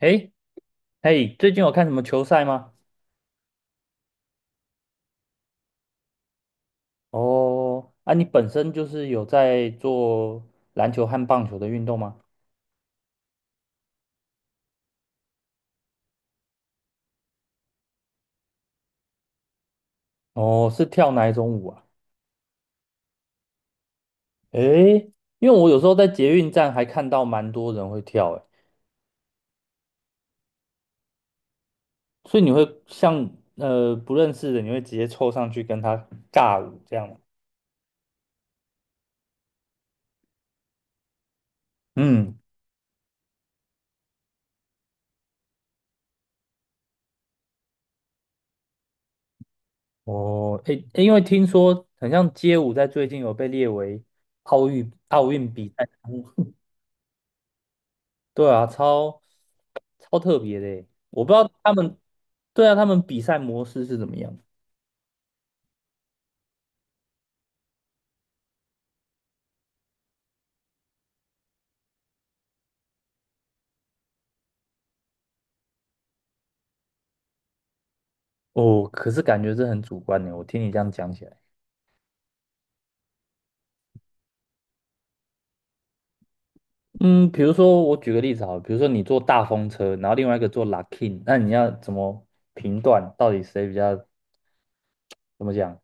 诶，嘿，最近有看什么球赛吗？哦，啊，你本身就是有在做篮球和棒球的运动吗？哦，是跳哪一种舞啊？诶，因为我有时候在捷运站还看到蛮多人会跳，诶，所以你会像不认识的，你会直接凑上去跟他尬舞这样吗？嗯，哦，诶，诶因为听说很像街舞在最近有被列为奥运比赛。对啊，超特别的欸我不知道他们，对啊，他们比赛模式是怎么样？哦，可是感觉是很主观的，我听你这样讲起来，嗯，比如说我举个例子好了，比如说你坐大风车，然后另外一个坐 Luckin，那你要怎么评断到底谁比较怎么讲？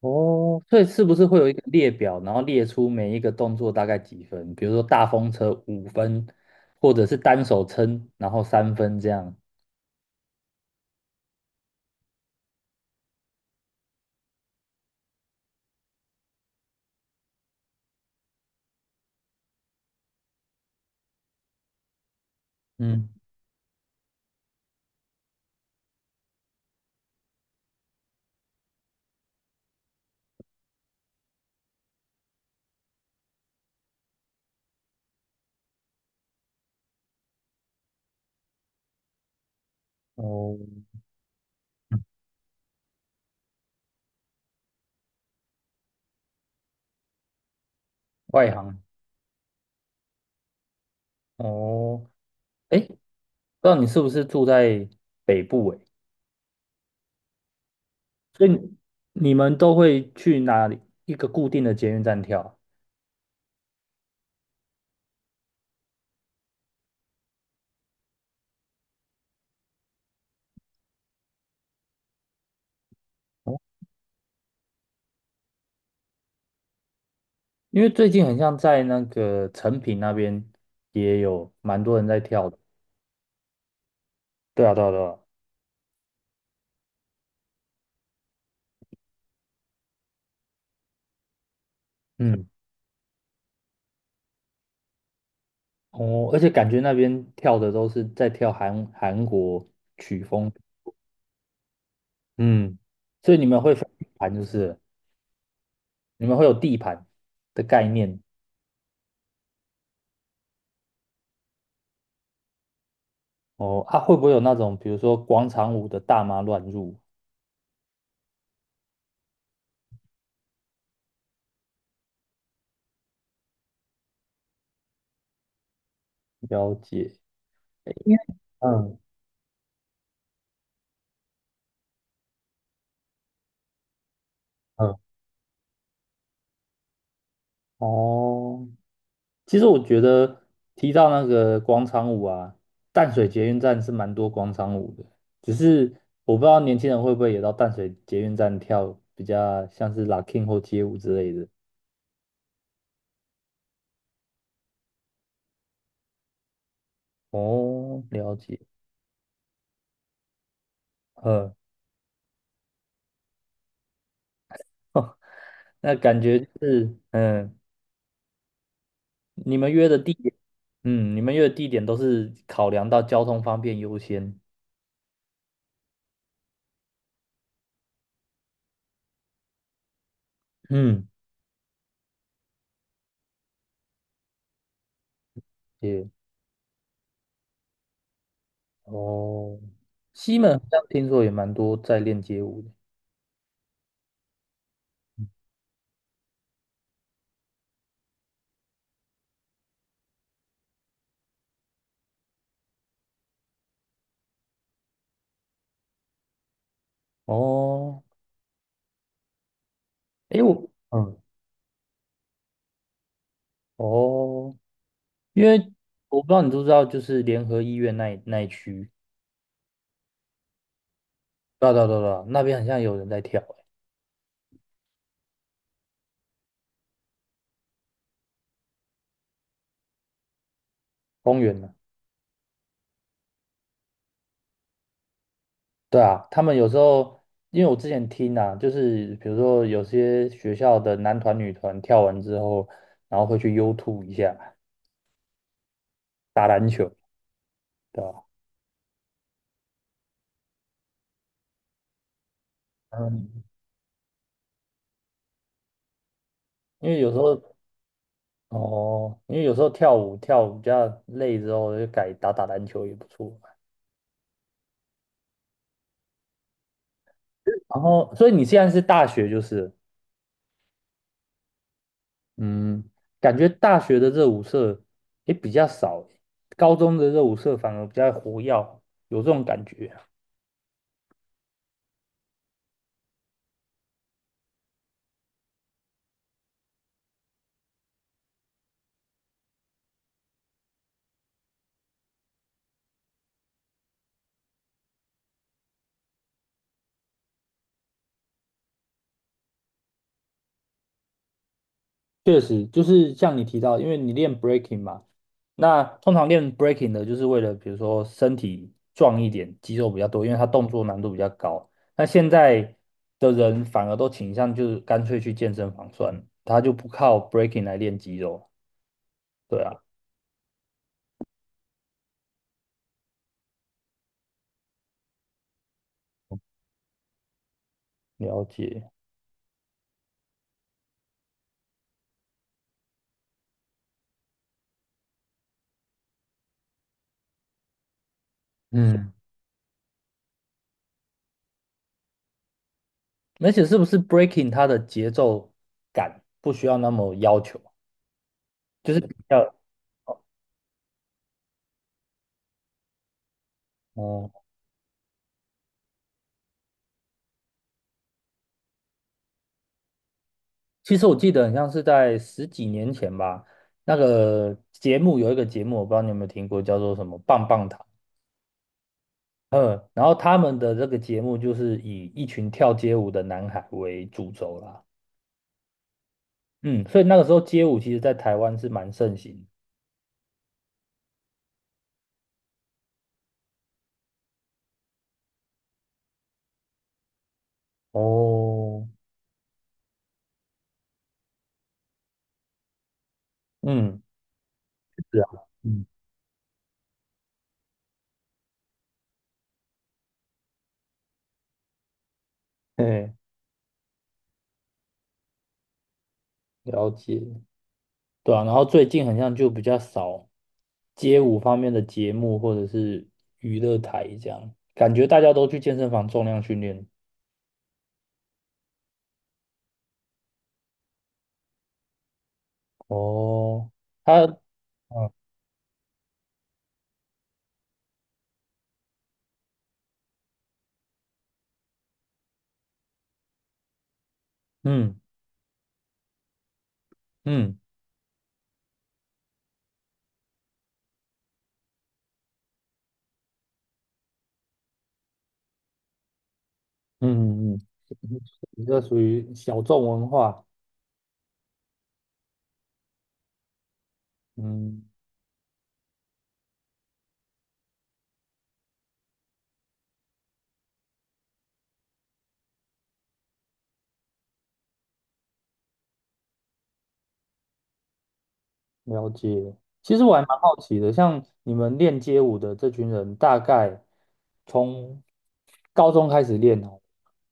哦，所以是不是会有一个列表，然后列出每一个动作大概几分？比如说大风车5分，或者是单手撑，然后3分这样。嗯，哦，外行。哦，哎，不知道你是不是住在北部哎，所以你们都会去哪里一个固定的捷运站跳啊哦因为最近很像在那个成品那边也有蛮多人在跳的。对啊，对啊，对啊。嗯，哦，而且感觉那边跳的都是在跳韩国曲风。嗯，所以你们会分地盘就是了你们会有地盘的概念。哦，啊，会不会有那种比如说广场舞的大妈乱入？了解。因为嗯，嗯，哦，其实我觉得提到那个广场舞啊，淡水捷运站是蛮多广场舞的，只是我不知道年轻人会不会也到淡水捷运站跳比较像是 locking 或街舞之类的。哦，了解。嗯，那感觉就是嗯，你们约的地点，嗯，你们约的地点都是考量到交通方便优先。嗯，也哦，西门好像听说也蛮多在练街舞的。哦，诶，我嗯哦，因为我不知道你知不知道，就是联合医院那一区，对啊对啊对啊，对啊那边好像有人在跳、欸，公园呢、对啊，他们有时候，因为我之前听啊，就是比如说有些学校的男团女团跳完之后，然后会去 U 吐一下，打篮球，对吧、嗯，因为有时候哦，因为有时候跳舞跳舞比较累之后，就改打篮球也不错。然后，所以你现在是大学就是了嗯，感觉大学的热舞社也比较少，高中的热舞社反而比较活跃，有这种感觉。确实，就是像你提到，因为你练 breaking 嘛，那通常练 breaking 的就是为了，比如说身体壮一点，肌肉比较多，因为它动作难度比较高。那现在的人反而都倾向就是干脆去健身房算了他就不靠 breaking 来练肌肉。对啊，了解。嗯。而且是不是 breaking 它的节奏感不需要那么要求，就是比较哦、其实我记得很像是在十几年前吧，那个节目有一个节目，我不知道你有没有听过，叫做什么棒棒糖。嗯，然后他们的这个节目就是以一群跳街舞的男孩为主轴啦。嗯，所以那个时候街舞其实在台湾是蛮盛行的哦，嗯，是啊，嗯，嘿，了解。对啊，然后最近好像就比较少街舞方面的节目或者是娱乐台这样，感觉大家都去健身房重量训练。哦，他，嗯嗯嗯嗯嗯，嗯，一个属于小众文化。嗯。了解。其实我还蛮好奇的，像你们练街舞的这群人，大概从高中开始练哦，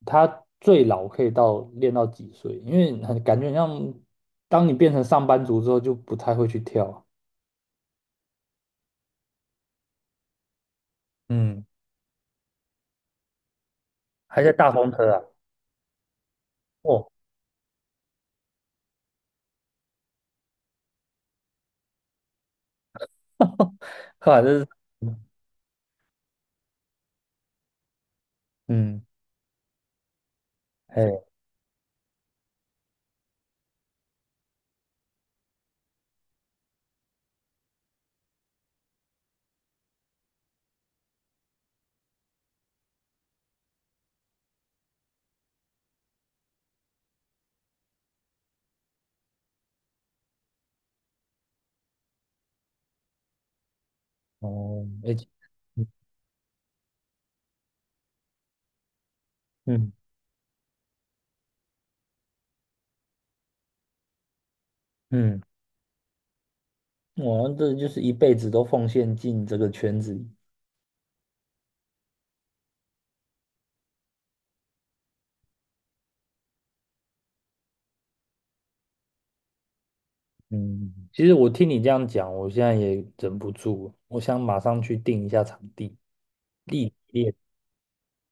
他最老可以到练到几岁？因为很感觉很像，当你变成上班族之后，就不太会去跳啊嗯，还在大风车啊？哦，呵，这是，嗯，哎，哦，哎，嗯嗯，嗯，我们这就是一辈子都奉献进这个圈子里。嗯，其实我听你这样讲，我现在也忍不住，我想马上去定一下场地，立体练。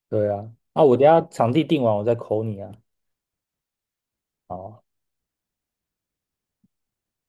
对啊，啊，我等一下场地定完，我再 call 你啊。好啊